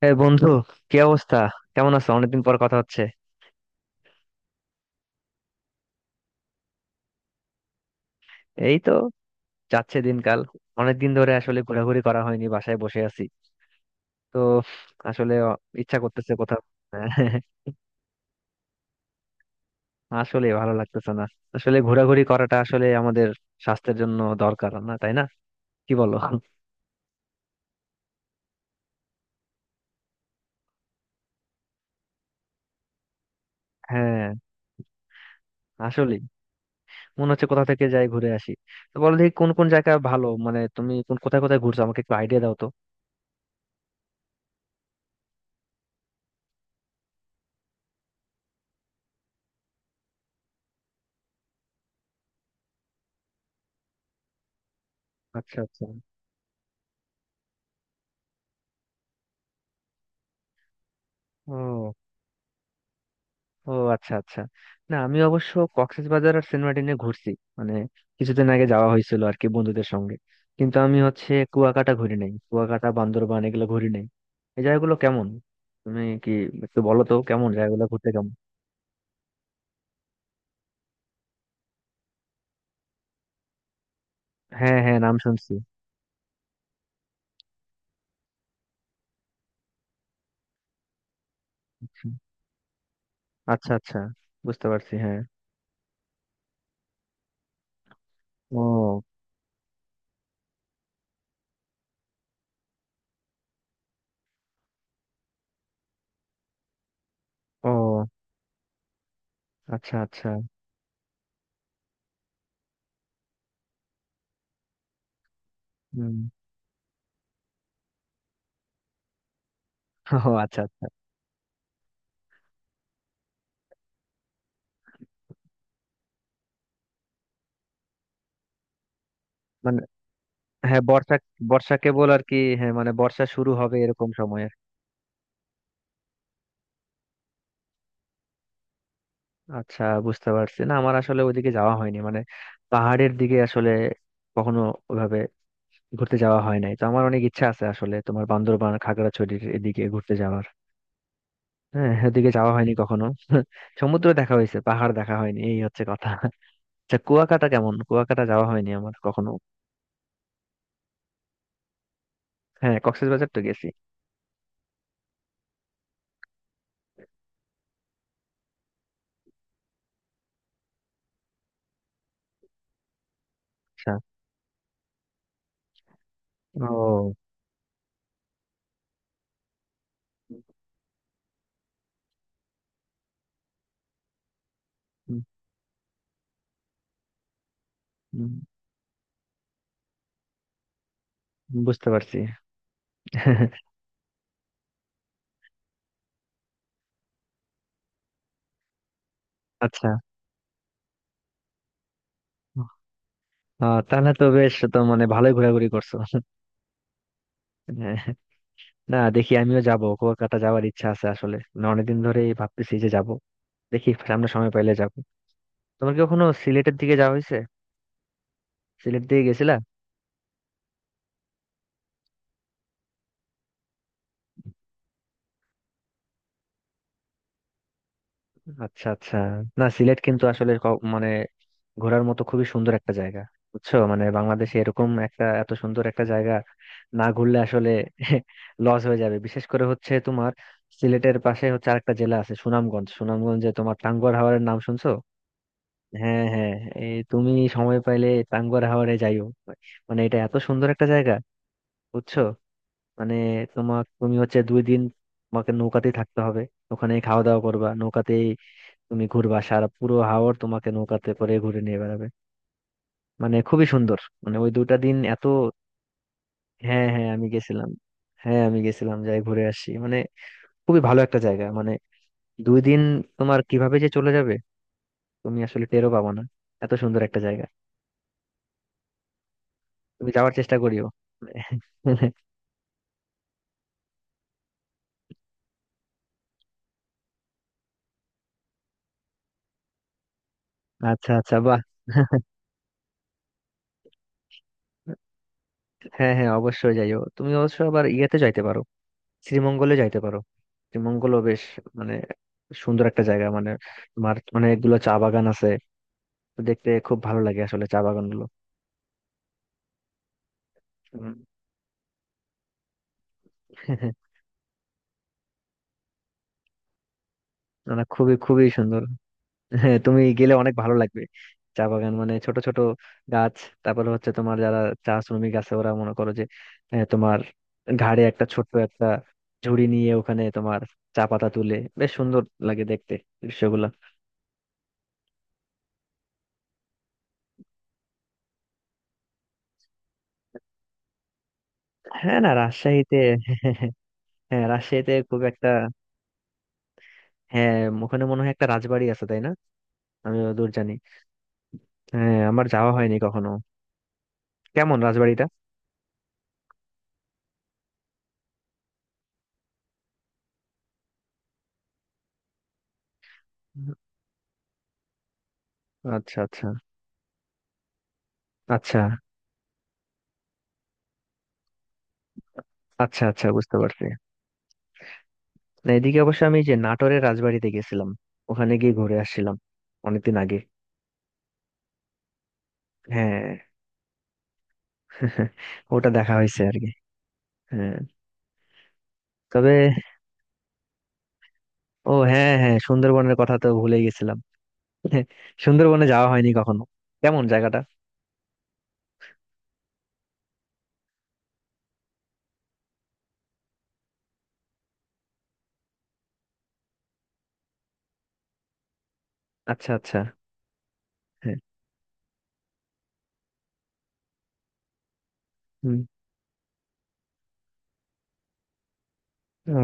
হ্যাঁ বন্ধু, কি অবস্থা? কেমন আছো? অনেকদিন পর কথা হচ্ছে। এই তো যাচ্ছে দিনকাল। অনেকদিন ধরে আসলে ঘোরাঘুরি করা হয়নি, বাসায় বসে আছি। তো আসলে ইচ্ছা করতেছে কোথাও আসলে ভালো লাগতেছে না। আসলে ঘোরাঘুরি করাটা আসলে আমাদের স্বাস্থ্যের জন্য দরকার না, তাই না? কি বলো? হ্যাঁ, আসলে মনে হচ্ছে কোথা থেকে যাই ঘুরে আসি। তো বলো দেখি কোন কোন জায়গা ভালো, মানে তুমি কোন কোথায় কোথায় ঘুরছো? আমাকে একটু আইডিয়া দাও তো। আচ্ছা, আচ্ছা। ও। ও আচ্ছা, আচ্ছা। না, আমি অবশ্য কক্সবাজার আর সেন্ট মার্টিনে ঘুরছি। মানে কিছুদিন আগে যাওয়া হয়েছিল আর কি, বন্ধুদের সঙ্গে। কিন্তু আমি হচ্ছে কুয়াকাটা ঘুরি নাই, কুয়াকাটা বান্দরবান এগুলো ঘুরি নাই। এই জায়গাগুলো কেমন? তুমি কি একটু বলো তো কেমন, জায়গাগুলো ঘুরতে কেমন? হ্যাঁ হ্যাঁ, নাম শুনছি। আচ্ছা আচ্ছা, বুঝতে পারছি, হ্যাঁ। ও। ও আচ্ছা, আচ্ছা। হুম। ও আচ্ছা, আচ্ছা। মানে হ্যাঁ, বর্ষা। বর্ষা কেবল আর কি, হ্যাঁ। মানে বর্ষা শুরু হবে এরকম সময় আর কি। আচ্ছা, বুঝতে পারছি। না আমার আসলে ওইদিকে যাওয়া হয়নি, মানে পাহাড়ের দিকে আসলে কখনো ওভাবে ঘুরতে যাওয়া হয় নাই। তো আমার অনেক ইচ্ছা আছে আসলে, তোমার বান্দরবান খাগড়াছড়ির এদিকে ঘুরতে যাওয়ার। হ্যাঁ, ওদিকে যাওয়া হয়নি কখনো সমুদ্র দেখা হয়েছে, পাহাড় দেখা হয়নি, এই হচ্ছে কথা আচ্ছা, কুয়াকাটা কেমন? কুয়াকাটা যাওয়া হয়নি আমার কখনো। হ্যাঁ, কক্সবাজার তো গেছি। আচ্ছা। ও। হুম। হুম, বুঝতে পারছি আচ্ছা, আহ, তাহলে তো বেশ, তো মানে ভালোই ঘোরাঘুরি করছো হ্যাঁ, না দেখি আমিও যাব, কলকাতা যাওয়ার ইচ্ছা আছে আসলে। মানে অনেকদিন ধরেই ভাবতেছি যে যাব। দেখি সামনে সময় পাইলে যাব। তোমার কি কখনো সিলেটের দিকে যাওয়া হয়েছে? সিলেট দিকে গেছিলা? আচ্ছা, আচ্ছা। না সিলেট কিন্তু আসলে মানে ঘোরার মতো খুবই সুন্দর একটা জায়গা। বুঝছো, মানে বাংলাদেশে এরকম একটা এত সুন্দর একটা জায়গা না ঘুরলে আসলে লস হয়ে যাবে। বিশেষ করে হচ্ছে তোমার সিলেটের পাশে হচ্ছে আরেকটা জেলা আছে সুনামগঞ্জ। সুনামগঞ্জে তোমার টাঙ্গুয়ার হাওরের নাম শুনছো? হ্যাঁ হ্যাঁ, এই তুমি সময় পাইলে টাঙ্গুয়ার হাওরে যাইও। মানে এটা এত সুন্দর একটা জায়গা, বুঝছো। মানে তুমি হচ্ছে দুই দিন, তোমাকে নৌকাতেই থাকতে হবে। ওখানে খাওয়া দাওয়া করবা নৌকাতেই। তুমি ঘুরবা সারা পুরো হাওর, তোমাকে নৌকাতে করে ঘুরে নিয়ে বেড়াবে। মানে খুবই সুন্দর, মানে ওই দুটা দিন এত। হ্যাঁ হ্যাঁ, আমি গেছিলাম। হ্যাঁ আমি গেছিলাম, যাই ঘুরে আসি মানে। খুবই ভালো একটা জায়গা, মানে দুই দিন তোমার কিভাবে যে চলে যাবে তুমি আসলে টেরও পাবা না। এত সুন্দর একটা জায়গা, তুমি যাওয়ার চেষ্টা করিও আচ্ছা আচ্ছা, বাহ। হ্যাঁ হ্যাঁ, অবশ্যই যাইও। তুমি অবশ্য আবার ইয়েতে যাইতে পারো, শ্রীমঙ্গলে যাইতে পারো। শ্রীমঙ্গলও বেশ, মানে সুন্দর একটা জায়গা। মানে তোমার অনেকগুলো চা বাগান আছে, তো দেখতে খুব ভালো লাগে আসলে চা বাগান গুলো। মানে খুবই খুবই সুন্দর। হ্যাঁ, তুমি গেলে অনেক ভালো লাগবে। চা বাগান মানে ছোট ছোট গাছ, তারপরে হচ্ছে তোমার যারা চা শ্রমিক আছে ওরা মনে করো যে তোমার ঘাড়ে একটা ছোট্ট একটা ঝুড়ি নিয়ে ওখানে তোমার চা পাতা তুলে, বেশ সুন্দর লাগে দেখতে দৃশ্যগুলো। হ্যাঁ, না রাজশাহীতে হ্যাঁ, রাজশাহীতে খুব একটা। হ্যাঁ, ওখানে মনে হয় একটা রাজবাড়ি আছে তাই না? আমি দূর জানি। হ্যাঁ, আমার যাওয়া হয়নি কখনো। কেমন রাজবাড়িটা? আচ্ছা, আচ্ছা। আচ্ছা আচ্ছা, আচ্ছা বুঝতে পারছি। না এদিকে অবশ্য আমি যে নাটোরের রাজবাড়িতে গেছিলাম, ওখানে গিয়ে ঘুরে আসছিলাম অনেকদিন আগে। হ্যাঁ ওটা দেখা হয়েছে আর কি। হ্যাঁ। তবে ও হ্যাঁ হ্যাঁ, সুন্দরবনের কথা তো ভুলে গেছিলাম সুন্দরবনে যাওয়া হয়নি কখনো, কেমন জায়গাটা? আচ্ছা, আচ্ছা। হ্যাঁ। ও,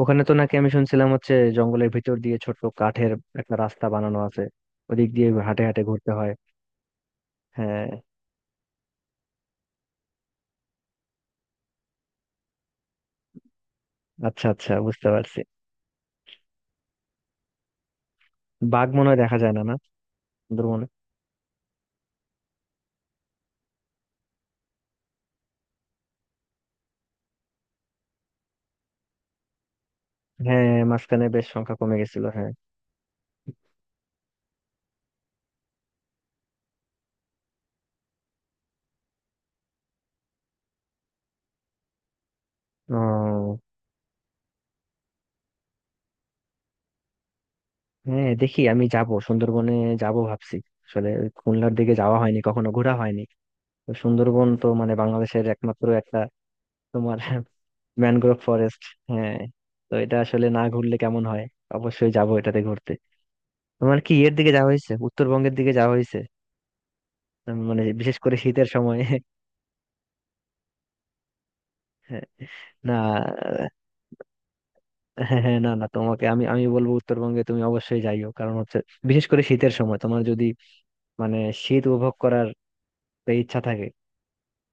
ওখানে তো নাকি আমি শুনছিলাম হচ্ছে জঙ্গলের ভিতর দিয়ে ছোট্ট কাঠের একটা রাস্তা বানানো আছে, ওদিক দিয়ে হাঁটে হাঁটে ঘুরতে হয়। হ্যাঁ, আচ্ছা আচ্ছা, বুঝতে পারছি। বাঘ মনে হয় দেখা যায় না, না, সুন্দরবনে? হ্যাঁ, মাঝখানে বেশ সংখ্যা কমে গেছিল, হ্যাঁ। ও, হ্যাঁ দেখি আমি যাব সুন্দরবনে, যাব ভাবছি। আসলে ওই খুলনার দিকে যাওয়া হয়নি কখনো, ঘোরা হয়নি। তো সুন্দরবন তো মানে বাংলাদেশের একমাত্র একটা তোমার ম্যানগ্রোভ ফরেস্ট। হ্যাঁ, তো এটা আসলে না ঘুরলে কেমন হয়, অবশ্যই যাবো এটাতে ঘুরতে। তোমার কি ইয়ের দিকে যাওয়া হয়েছে, উত্তরবঙ্গের দিকে যাওয়া হয়েছে? মানে বিশেষ করে শীতের সময় না হ্যাঁ হ্যাঁ, না না, তোমাকে আমি আমি বলবো উত্তরবঙ্গে তুমি অবশ্যই যাইও। কারণ হচ্ছে বিশেষ করে শীতের সময় তোমার যদি মানে শীত উপভোগ করার ইচ্ছা থাকে,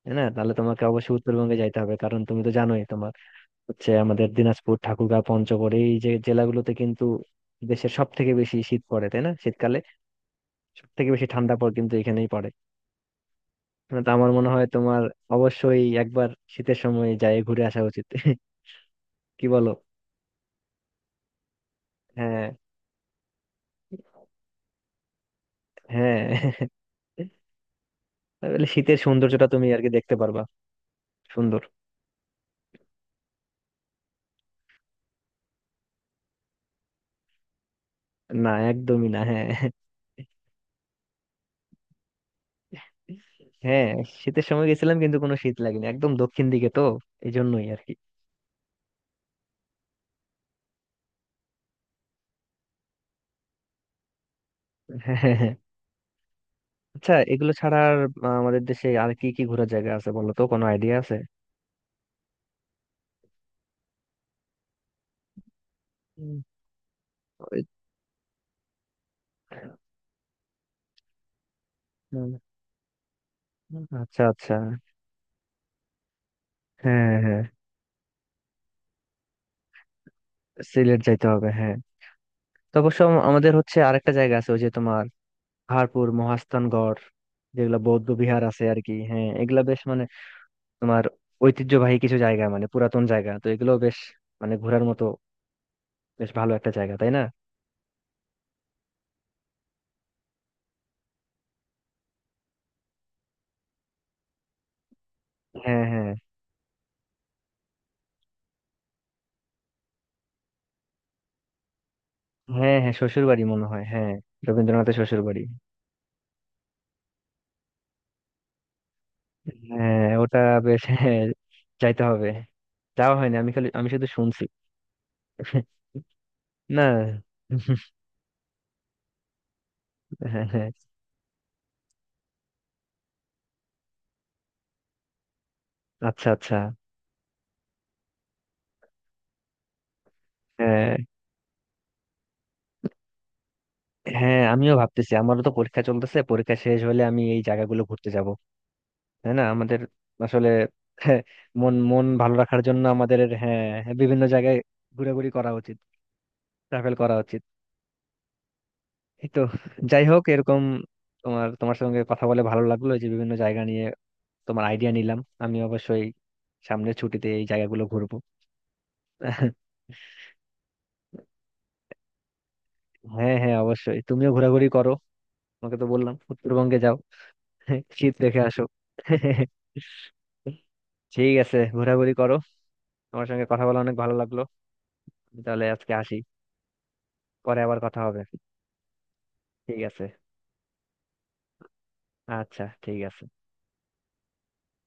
হ্যাঁ, না তাহলে তোমাকে অবশ্যই উত্তরবঙ্গে যাইতে হবে। কারণ তুমি তো জানোই, তোমার হচ্ছে আমাদের দিনাজপুর ঠাকুরগাঁও পঞ্চগড় এই যে জেলাগুলোতে কিন্তু দেশের সব থেকে বেশি শীত পড়ে, তাই না? শীতকালে সব থেকে বেশি ঠান্ডা পড়ে কিন্তু এখানেই পড়ে। না তো আমার মনে হয় তোমার অবশ্যই একবার শীতের সময় যায় ঘুরে আসা উচিত কি বলো? হ্যাঁ হ্যাঁ, তাহলে শীতের সৌন্দর্যটা তুমি আর কি দেখতে পারবা। সুন্দর। না একদমই না, হ্যাঁ। হ্যাঁ, শীতের সময় গেছিলাম কিন্তু কোনো শীত লাগেনি, একদম দক্ষিণ দিকে তো, এই জন্যই আর কি। হ্যাঁ হ্যাঁ, হ্যাঁ। আচ্ছা, এগুলো ছাড়া আর আমাদের দেশে আর কি কি ঘোরার জায়গা আছে, বলো তো? কোনো আইডিয়া আছে? হুম। ওই- হুম, আচ্ছা আচ্ছা। হ্যাঁ হ্যাঁ, সিলেট যাইতে হবে হ্যাঁ। তো অবশ্য আমাদের হচ্ছে আরেকটা জায়গা আছে, ওই যে তোমার পাহাড়পুর মহাস্থানগড় যেগুলা বৌদ্ধ বিহার আছে আর কি, হ্যাঁ, এগুলা বেশ মানে তোমার ঐতিহ্যবাহী কিছু জায়গা। মানে পুরাতন জায়গা তো, এগুলো বেশ মানে ঘোরার মতো বেশ ভালো একটা জায়গা তাই না? হ্যাঁ হ্যাঁ। হ্যাঁ হ্যাঁ, শ্বশুর বাড়ি মনে হয়, হ্যাঁ, রবীন্দ্রনাথের শ্বশুর বাড়ি। হ্যাঁ ওটা বেশ, হ্যাঁ। যাইতে হবে, যাওয়া হয়নি। আমি খালি, আমি শুধু শুনছি না। হ্যাঁ হ্যাঁ। আচ্ছা, আচ্ছা। হ্যাঁ হ্যাঁ, আমিও ভাবতেছি। আমারও তো পরীক্ষা চলতেছে, পরীক্ষা শেষ হলে আমি এই জায়গাগুলো ঘুরতে যাব, তাই না? আমাদের আসলে হ্যাঁ, মন মন ভালো রাখার জন্য আমাদের, হ্যাঁ হ্যাঁ, বিভিন্ন জায়গায় ঘোরাঘুরি করা উচিত, ট্রাভেল করা উচিত। এই তো, যাই হোক, এরকম তোমার তোমার সঙ্গে কথা বলে ভালো লাগলো। এই যে বিভিন্ন জায়গা নিয়ে তোমার আইডিয়া নিলাম। আমি অবশ্যই সামনের ছুটিতে এই জায়গাগুলো ঘুরবো হ্যাঁ হ্যাঁ, অবশ্যই তুমিও ঘোরাঘুরি করো। তোমাকে তো বললাম উত্তরবঙ্গে যাও শীত দেখে আসো। ঠিক আছে, ঘোরাঘুরি করো। আমার সঙ্গে কথা বলে অনেক ভালো লাগলো। আমি তাহলে আজকে আসি, পরে আবার কথা হবে। ঠিক আছে। আচ্ছা, ঠিক আছে।